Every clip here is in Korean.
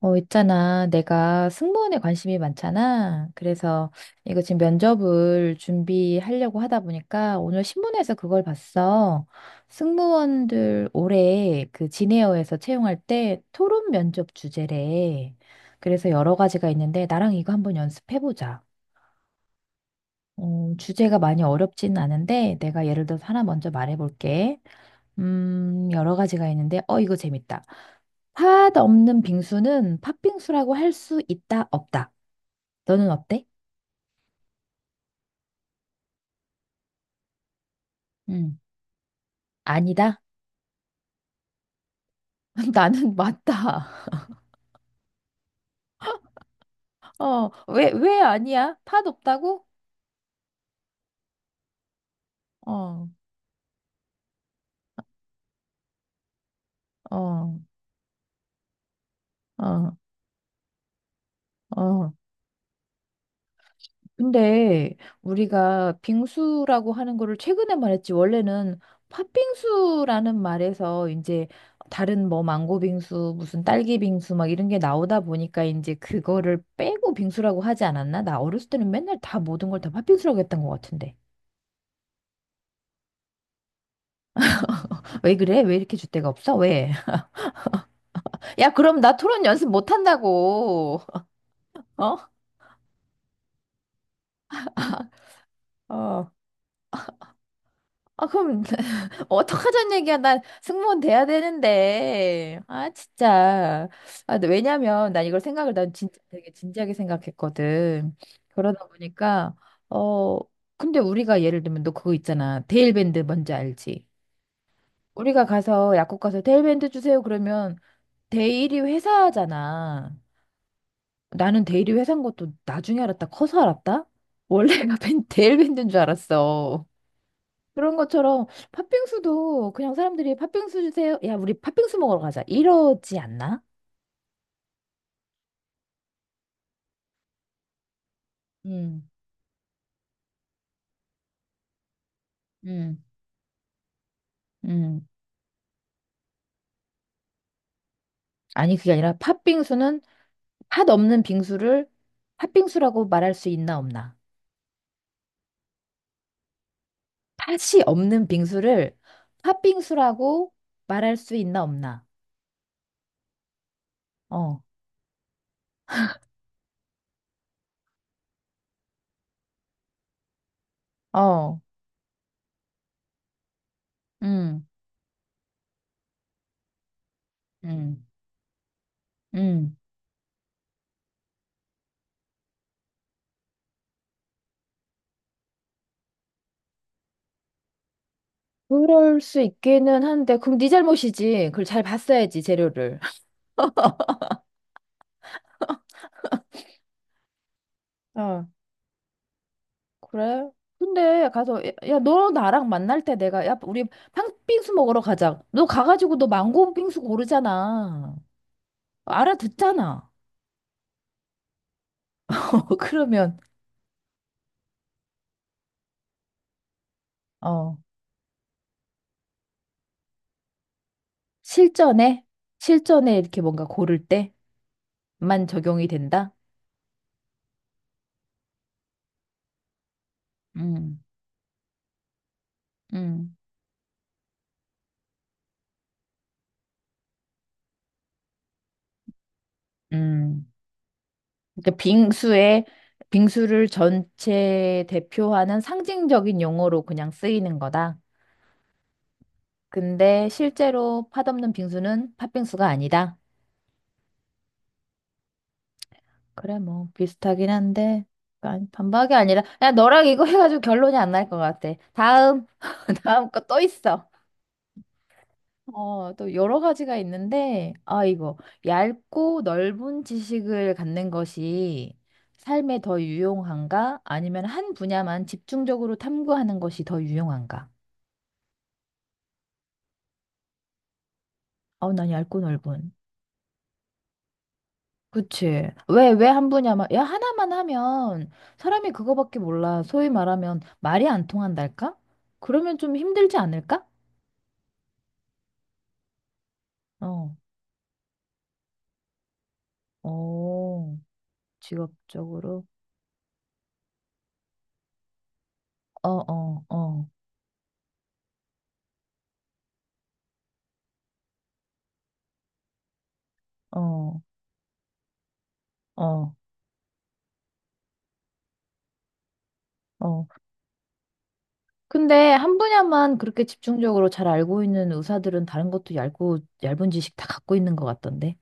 있잖아. 내가 승무원에 관심이 많잖아. 그래서 이거 지금 면접을 준비하려고 하다 보니까 오늘 신문에서 그걸 봤어. 승무원들 올해 그 진에어에서 채용할 때 토론 면접 주제래. 그래서 여러 가지가 있는데 나랑 이거 한번 연습해보자. 어 주제가 많이 어렵진 않은데 내가 예를 들어서 하나 먼저 말해볼게. 여러 가지가 있는데 이거 재밌다. 팥 없는 빙수는 팥빙수라고 할 수 있다, 없다. 너는 어때? 응. 아니다. 나는 맞다. 왜 아니야? 팥 없다고? 어, 어, 어, 어. 근데 우리가 빙수라고 하는 거를 최근에 말했지, 원래는 팥빙수라는 말에서 이제 다른 뭐 망고 빙수 무슨 딸기 빙수 막 이런 게 나오다 보니까 이제 그거를 빼고 빙수라고 하지 않았나? 나 어렸을 때는 맨날 다 모든 걸 다 팥빙수라고 했던 것 같은데. 왜 그래? 왜 이렇게 줏대가 없어? 왜? 야, 그럼 나 토론 연습 못 한다고. 어? 어. 아, 그럼, 어떡하자는 얘기야. 난 승무원 돼야 되는데. 아, 진짜. 아, 근데 왜냐면, 난 이걸 생각을, 난 진짜 되게 진지하게 생각했거든. 그러다 보니까, 어, 근데 우리가 예를 들면, 너 그거 있잖아. 데일밴드 뭔지 알지? 우리가 가서, 약국 가서 데일밴드 주세요 그러면, 데일이 회사잖아. 나는 데일이 회사인 것도 나중에 알았다. 커서 알았다? 원래가 데일밴드인 줄 알았어. 그런 것처럼 팥빙수도 그냥 사람들이 팥빙수 주세요, 야, 우리 팥빙수 먹으러 가자 이러지 않나? 음, 음, 음. 아니, 그게 아니라 팥빙수는 팥 없는 빙수를 팥빙수라고 말할 수 있나 없나? 팥이 없는 빙수를 팥빙수라고 말할 수 있나 없나? 어, 어, 음, 음, 음. 그럴 수 있기는 한데, 그럼 네 잘못이지. 그걸 잘 봤어야지, 재료를. 그래? 근데 가서 야, 야, 너 나랑 만날 때 내가 야 우리 팥빙수 먹으러 가자 너 가가지고 너 망고 빙수 고르잖아. 알아듣잖아. 그러면 어 실전에 실전에 이렇게 뭔가 고를 때만 적용이 된다. 음, 음, 음. 그러니까 빙수에 빙수를 전체 대표하는 상징적인 용어로 그냥 쓰이는 거다. 근데 실제로 팥 없는 빙수는 팥빙수가 아니다. 그래, 뭐, 비슷하긴 한데, 아니, 반박이 아니라, 야, 너랑 이거 해가지고 결론이 안 날 것 같아. 다음, 다음 거 또 있어. 또 여러 가지가 있는데, 아, 이거, 얇고 넓은 지식을 갖는 것이 삶에 더 유용한가? 아니면 한 분야만 집중적으로 탐구하는 것이 더 유용한가? 어, 난 얇고 넓은. 그치. 왜 한 분이 아마, 야, 하나만 하면 사람이 그거밖에 몰라. 소위 말하면 말이 안 통한달까? 그러면 좀 힘들지 않을까? 어, 어, 직업적으로. 어, 어, 어, 어, 어, 어. 근데 한 분야만 그렇게 집중적으로 잘 알고 있는 의사들은 다른 것도 얇고, 얇은 지식 다 갖고 있는 것 같던데.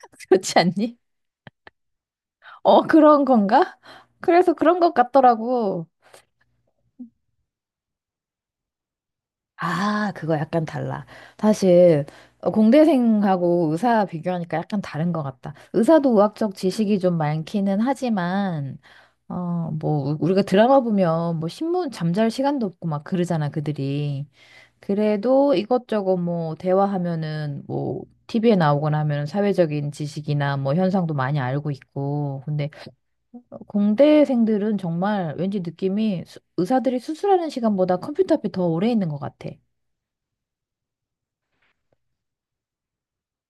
그렇지 않니? 어, 그런 건가? 그래서 그런 것 같더라고. 아, 그거 약간 달라. 사실 공대생하고 의사 비교하니까 약간 다른 것 같다. 의사도 의학적 지식이 좀 많기는 하지만 뭐 우리가 드라마 보면 뭐 신문 잠잘 시간도 없고 막 그러잖아, 그들이. 그래도 이것저것 뭐 대화하면은 뭐 TV에 나오거나 하면은 사회적인 지식이나 뭐 현상도 많이 알고 있고. 근데 공대생들은 정말 왠지 느낌이 의사들이 수술하는 시간보다 컴퓨터 앞에 더 오래 있는 것 같아.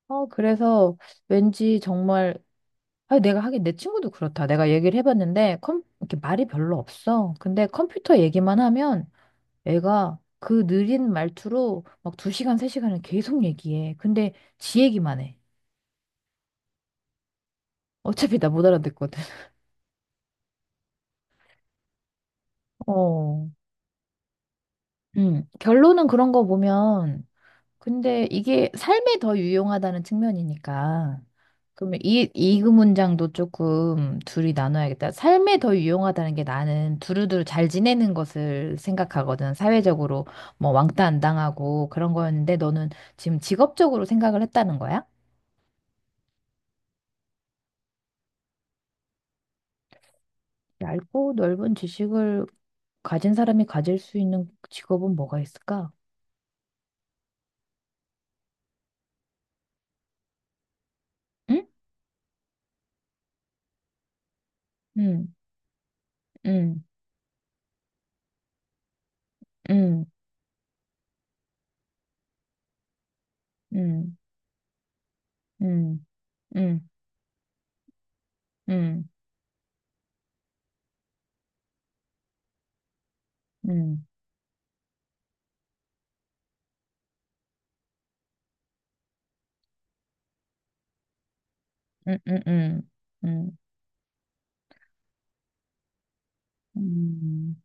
그래서 왠지 정말, 아, 내가 하긴 내 친구도 그렇다. 내가 얘기를 해봤는데, 이렇게 말이 별로 없어. 근데 컴퓨터 얘기만 하면 애가 그 느린 말투로 막 두 시간, 세 시간을 계속 얘기해. 근데 지 얘기만 해. 어차피 나 못 알아듣거든. 어. 음. 결론은 그런 거 보면 근데 이게 삶에 더 유용하다는 측면이니까. 그러면 이, 이 문장도 조금 둘이 나눠야겠다. 삶에 더 유용하다는 게 나는 두루두루 잘 지내는 것을 생각하거든. 사회적으로 뭐 왕따 안 당하고 그런 거였는데 너는 지금 직업적으로 생각을 했다는 거야? 얇고 넓은 지식을 가진 사람이 가질 수 있는 직업은 뭐가 있을까? 응? 응, 응, 응, 응, 응, 응, 응, 응, 응, 응, 응, 응. 응, 음,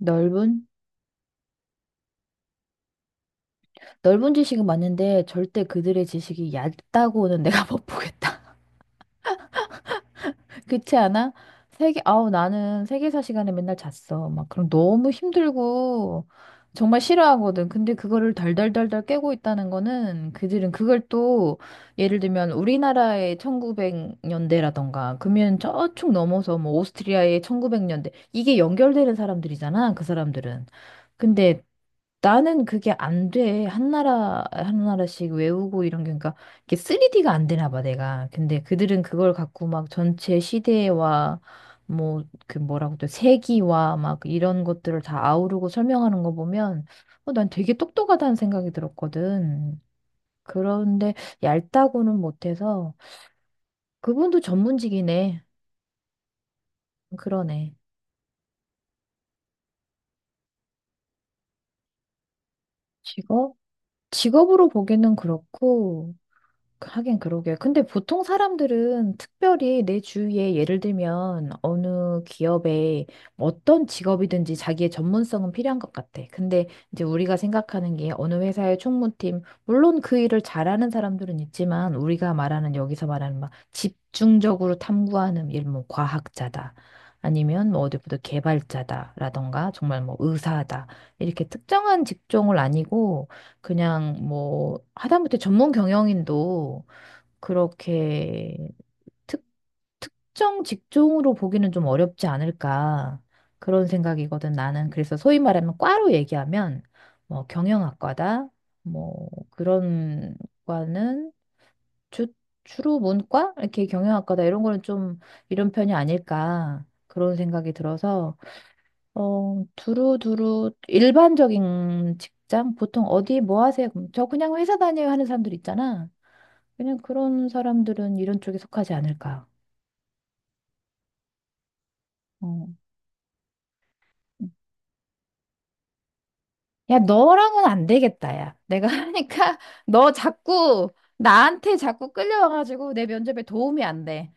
넓은? 넓은 지식은 맞는데 절대 그들의 지식이 얕다고는 내가 못 보겠다. 그렇지 않아? 세계, 아우, 나는 세계사 시간에 맨날 잤어. 막, 그럼 너무 힘들고, 정말 싫어하거든. 근데 그거를 달달달달 깨고 있다는 거는, 그들은 그걸 또, 예를 들면, 우리나라의 1900년대라던가, 그러면 저축 넘어서, 뭐, 오스트리아의 1900년대, 이게 연결되는 사람들이잖아, 그 사람들은. 근데 나는 그게 안 돼. 한 나라, 한 나라씩 외우고 이런 게. 그러니까 이게 3D가 안 되나 봐, 내가. 근데 그들은 그걸 갖고 막 전체 시대와 뭐 그 뭐라고 또 세기와 막 이런 것들을 다 아우르고 설명하는 거 보면 어, 난 되게 똑똑하다는 생각이 들었거든. 그런데 얇다고는 못해서 그분도 전문직이네. 그러네. 직업? 직업으로 보기는 그렇고 하긴 그러게. 근데 보통 사람들은 특별히 내 주위에 예를 들면 어느 기업에 어떤 직업이든지 자기의 전문성은 필요한 것 같아. 근데 이제 우리가 생각하는 게 어느 회사의 총무팀, 물론 그 일을 잘하는 사람들은 있지만 우리가 말하는 여기서 말하는 막 집중적으로 탐구하는 일, 뭐 과학자다. 아니면 뭐 어디부터 개발자다라던가 정말 뭐 의사다. 이렇게 특정한 직종을 아니고 그냥 뭐 하다못해 전문 경영인도 그렇게 특, 특정 직종으로 보기는 좀 어렵지 않을까 그런 생각이거든. 나는 그래서 소위 말하면 과로 얘기하면 뭐 경영학과다 뭐 그런 과는 주, 주로 문과, 이렇게 경영학과다 이런 거는 좀 이런 편이 아닐까 그런 생각이 들어서 두루두루 일반적인 직장? 보통 어디 뭐 하세요? 그럼 저 그냥 회사 다녀요 하는 사람들 있잖아. 그냥 그런 사람들은 이런 쪽에 속하지 않을까. 어. 음. 야, 너랑은 안 되겠다, 야. 내가 하니까 너 자꾸 나한테 자꾸 끌려와가지고 내 면접에 도움이 안 돼.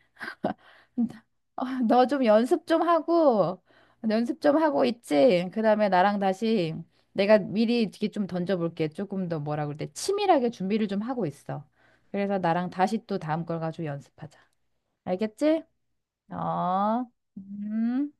너좀 연습 좀 하고, 연습 좀 하고 있지? 그 다음에 나랑 다시 내가 미리 이렇게 좀 던져볼게. 조금 더 뭐라 그때 치밀하게 준비를 좀 하고 있어. 그래서 나랑 다시 또 다음 걸 가지고 연습하자. 알겠지? 어, 음.